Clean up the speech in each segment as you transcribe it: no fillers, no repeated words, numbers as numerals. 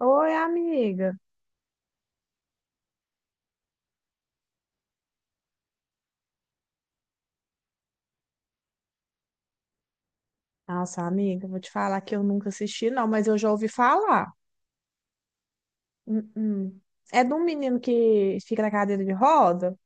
Oi, amiga. Nossa, amiga, vou te falar que eu nunca assisti, não, mas eu já ouvi falar. Hum, hum. É de um menino que fica na cadeira de roda?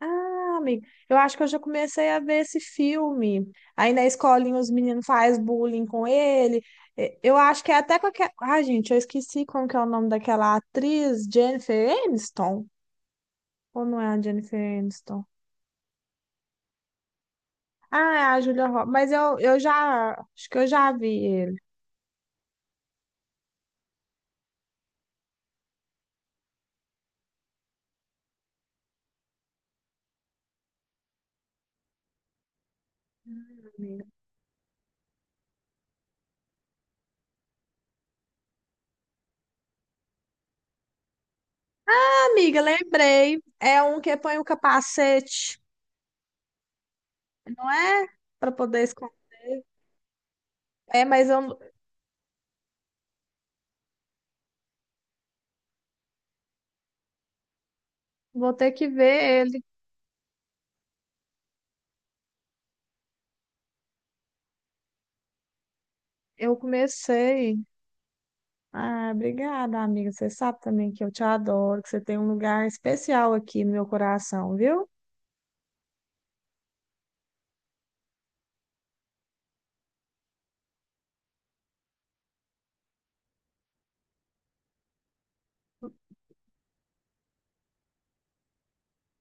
Ah, amiga, eu acho que eu já comecei a ver esse filme. Aí na escolinha os meninos fazem bullying com ele. Eu acho que é até com aquela. Ah, gente, eu esqueci como que é o nome daquela atriz, Jennifer Aniston. Ou não é a Jennifer Aniston? Ah, é a Julia Roberts. Mas eu já. Acho que eu já vi ele. Amiga, lembrei. É um que põe o capacete, não é? Para poder esconder. É, mas eu vou ter que ver ele. Eu comecei. Ah, obrigada, amiga. Você sabe também que eu te adoro, que você tem um lugar especial aqui no meu coração, viu?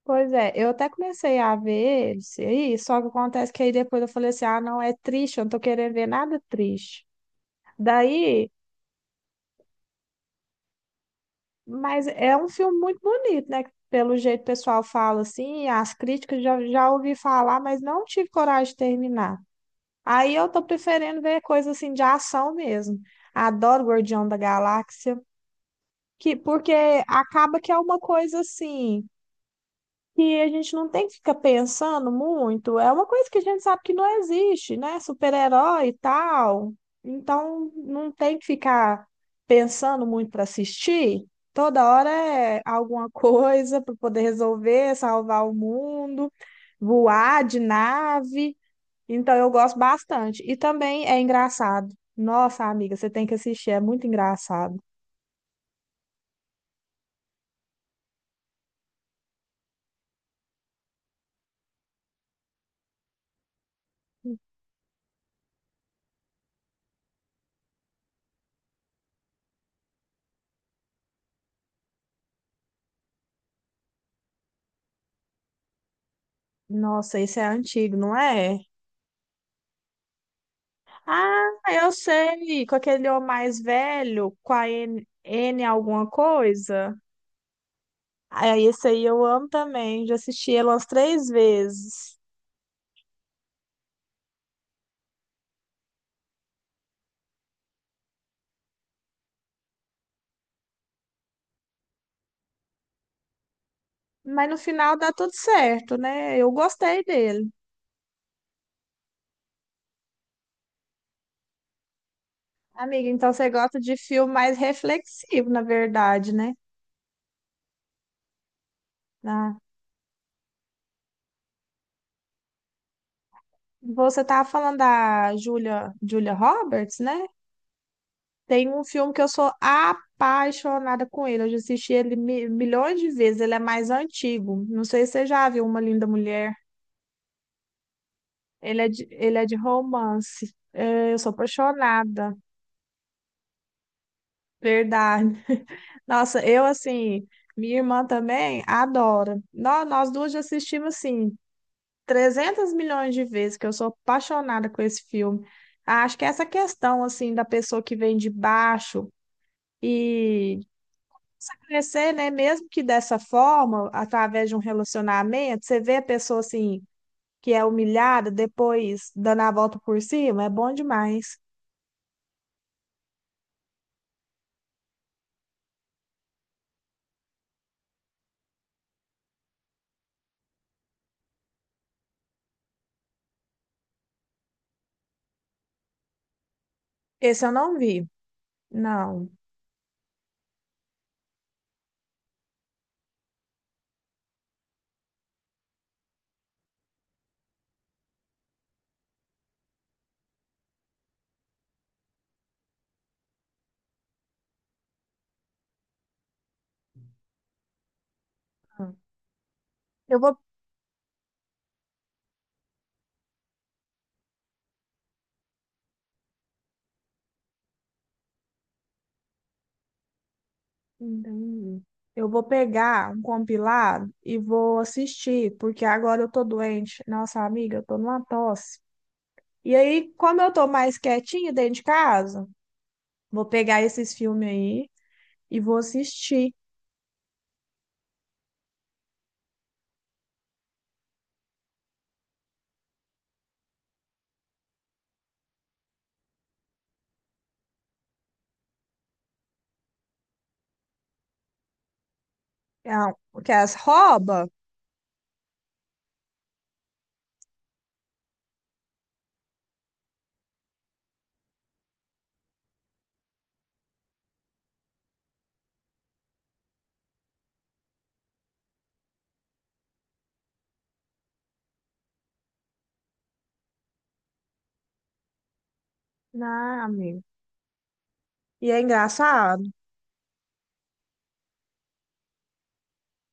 Pois é, eu até comecei a ver esse aí, só que acontece que aí depois eu falei assim: ah, não, é triste, eu não tô querendo ver nada triste. Daí Mas é um filme muito bonito, né? Pelo jeito o pessoal fala assim, as críticas já, já ouvi falar, mas não tive coragem de terminar. Aí eu tô preferindo ver coisa assim de ação mesmo. Adoro Guardião da Galáxia, que porque acaba que é uma coisa assim, que a gente não tem que ficar pensando muito. É uma coisa que a gente sabe que não existe, né? Super-herói e tal. Então, não tem que ficar pensando muito para assistir. Toda hora é alguma coisa para poder resolver, salvar o mundo, voar de nave. Então, eu gosto bastante. E também é engraçado. Nossa, amiga, você tem que assistir, é muito engraçado. Nossa, esse é antigo, não é? Ah, eu sei, com aquele homem mais velho, com a N alguma coisa. Ah, esse aí eu amo também, já assisti ele umas 3 vezes. Mas no final dá tudo certo, né? Eu gostei dele. Amiga, então você gosta de filme mais reflexivo, na verdade, né? Ah, você tava falando da Julia Roberts, né? Tem um filme que eu sou apaixonada com ele. Eu já assisti ele milhões de vezes. Ele é mais antigo. Não sei se você já viu Uma Linda Mulher. Ele é de romance. É, eu sou apaixonada. Verdade. Nossa, eu assim, minha irmã também adora. Nós duas já assistimos assim 300 milhões de vezes, que eu sou apaixonada com esse filme. Acho que essa questão assim da pessoa que vem de baixo e começa a crescer, né? Mesmo que dessa forma, através de um relacionamento, você vê a pessoa assim, que é humilhada, depois dando a volta por cima, é bom demais. Esse eu não vi. Não. Eu vou, eu vou pegar um compilado e vou assistir, porque agora eu tô doente. Nossa, amiga, eu tô numa tosse. E aí, como eu tô mais quietinha dentro de casa, vou pegar esses filmes aí e vou assistir. É, porque as rouba? Não, amiga. E é engraçado.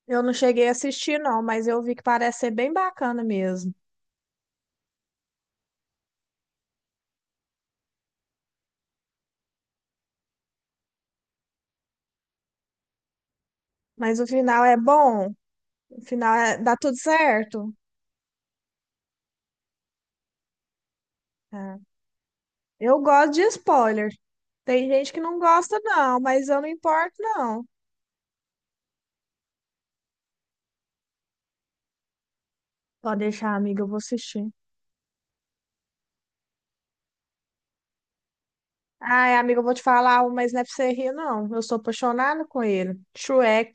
Eu não cheguei a assistir, não, mas eu vi que parece ser bem bacana mesmo. Mas o final é bom, o final dá tudo certo. É. Eu gosto de spoiler. Tem gente que não gosta, não, mas eu não importo, não. Pode deixar, amiga, eu vou assistir. Ai, amiga, eu vou te falar, um, mas não é pra você rir, não. Eu sou apaixonada com ele. Shrek.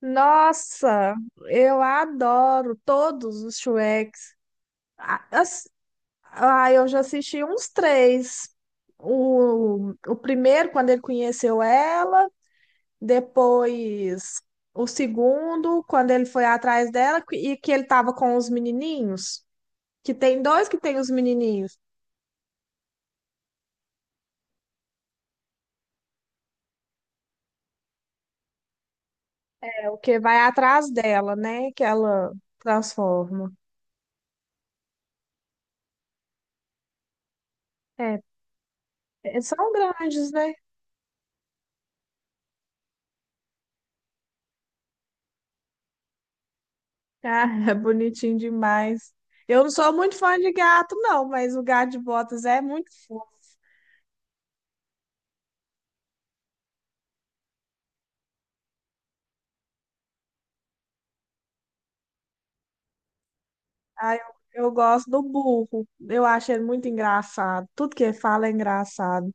Nossa, eu adoro todos os Shreks. A- as- Ah, eu já assisti uns três. O primeiro, quando ele conheceu ela, depois o segundo, quando ele foi atrás dela, e que ele tava com os menininhos, que tem dois que tem os menininhos, é o que vai atrás dela, né? Que ela transforma. É, é, são grandes, né? Ah, é bonitinho demais. Eu não sou muito fã de gato, não, mas o gato de botas é muito. Ah, eu gosto do burro. Eu acho ele muito engraçado. Tudo que ele fala é engraçado.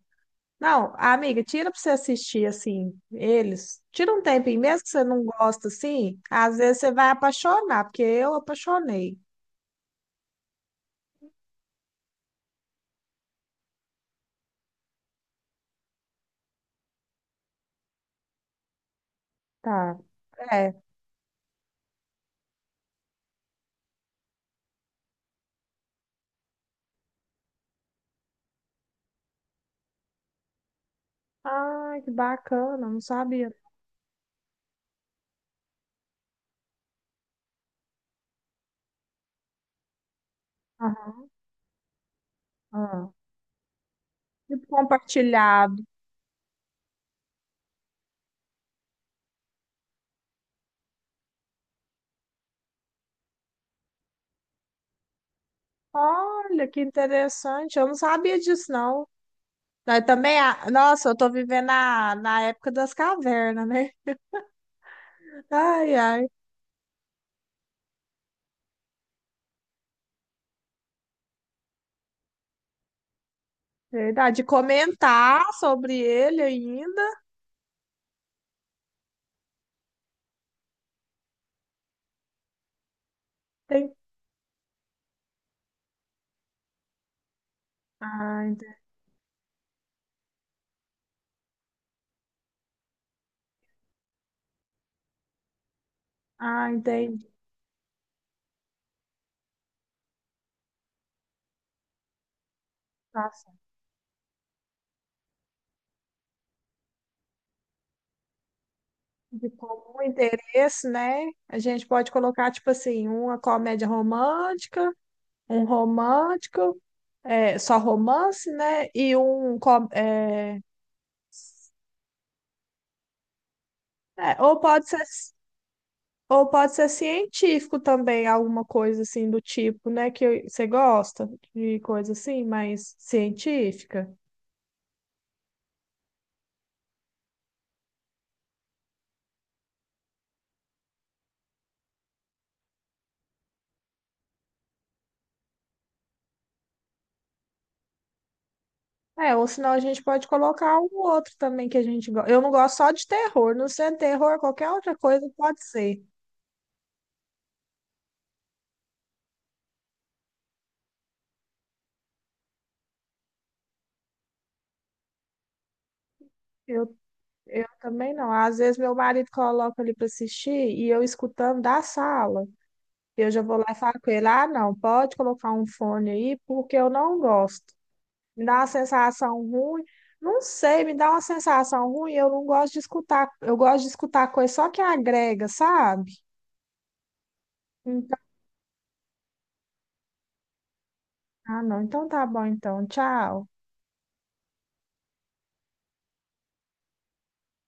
Não, amiga, tira pra você assistir, assim, eles. Tira um tempinho, mesmo que você não gosta, assim, às vezes você vai apaixonar, porque eu apaixonei. Tá, é. Ai, que bacana, não sabia. Aham, aham. Tipo compartilhado. Olha, que interessante, eu não sabia disso, não. Mas também, nossa, eu tô vivendo na época das cavernas, né? Ai, ai. Verdade. Comentar sobre ele ainda. Tem... Ah, entendi. Ah, entendi. Tá certo. De comum interesse, né? A gente pode colocar, tipo assim, uma comédia romântica, um romântico, é, só romance, né? E um. Com- É, é, ou pode ser científico também, alguma coisa assim do tipo, né? Que você gosta de coisa assim, mais científica. É, ou senão a gente pode colocar um outro também que a gente gosta. Eu não gosto só de terror, não sendo terror, qualquer outra coisa pode ser. Eu, eu também não. Às vezes meu marido coloca ali para assistir e eu escutando da sala. Eu já vou lá e falo com ele: ah, não, pode colocar um fone aí, porque eu não gosto. Me dá uma sensação ruim. Não sei, me dá uma sensação ruim. Eu não gosto de escutar. Eu gosto de escutar coisa só que agrega, sabe? Então, ah, não. Então tá bom, então. Tchau.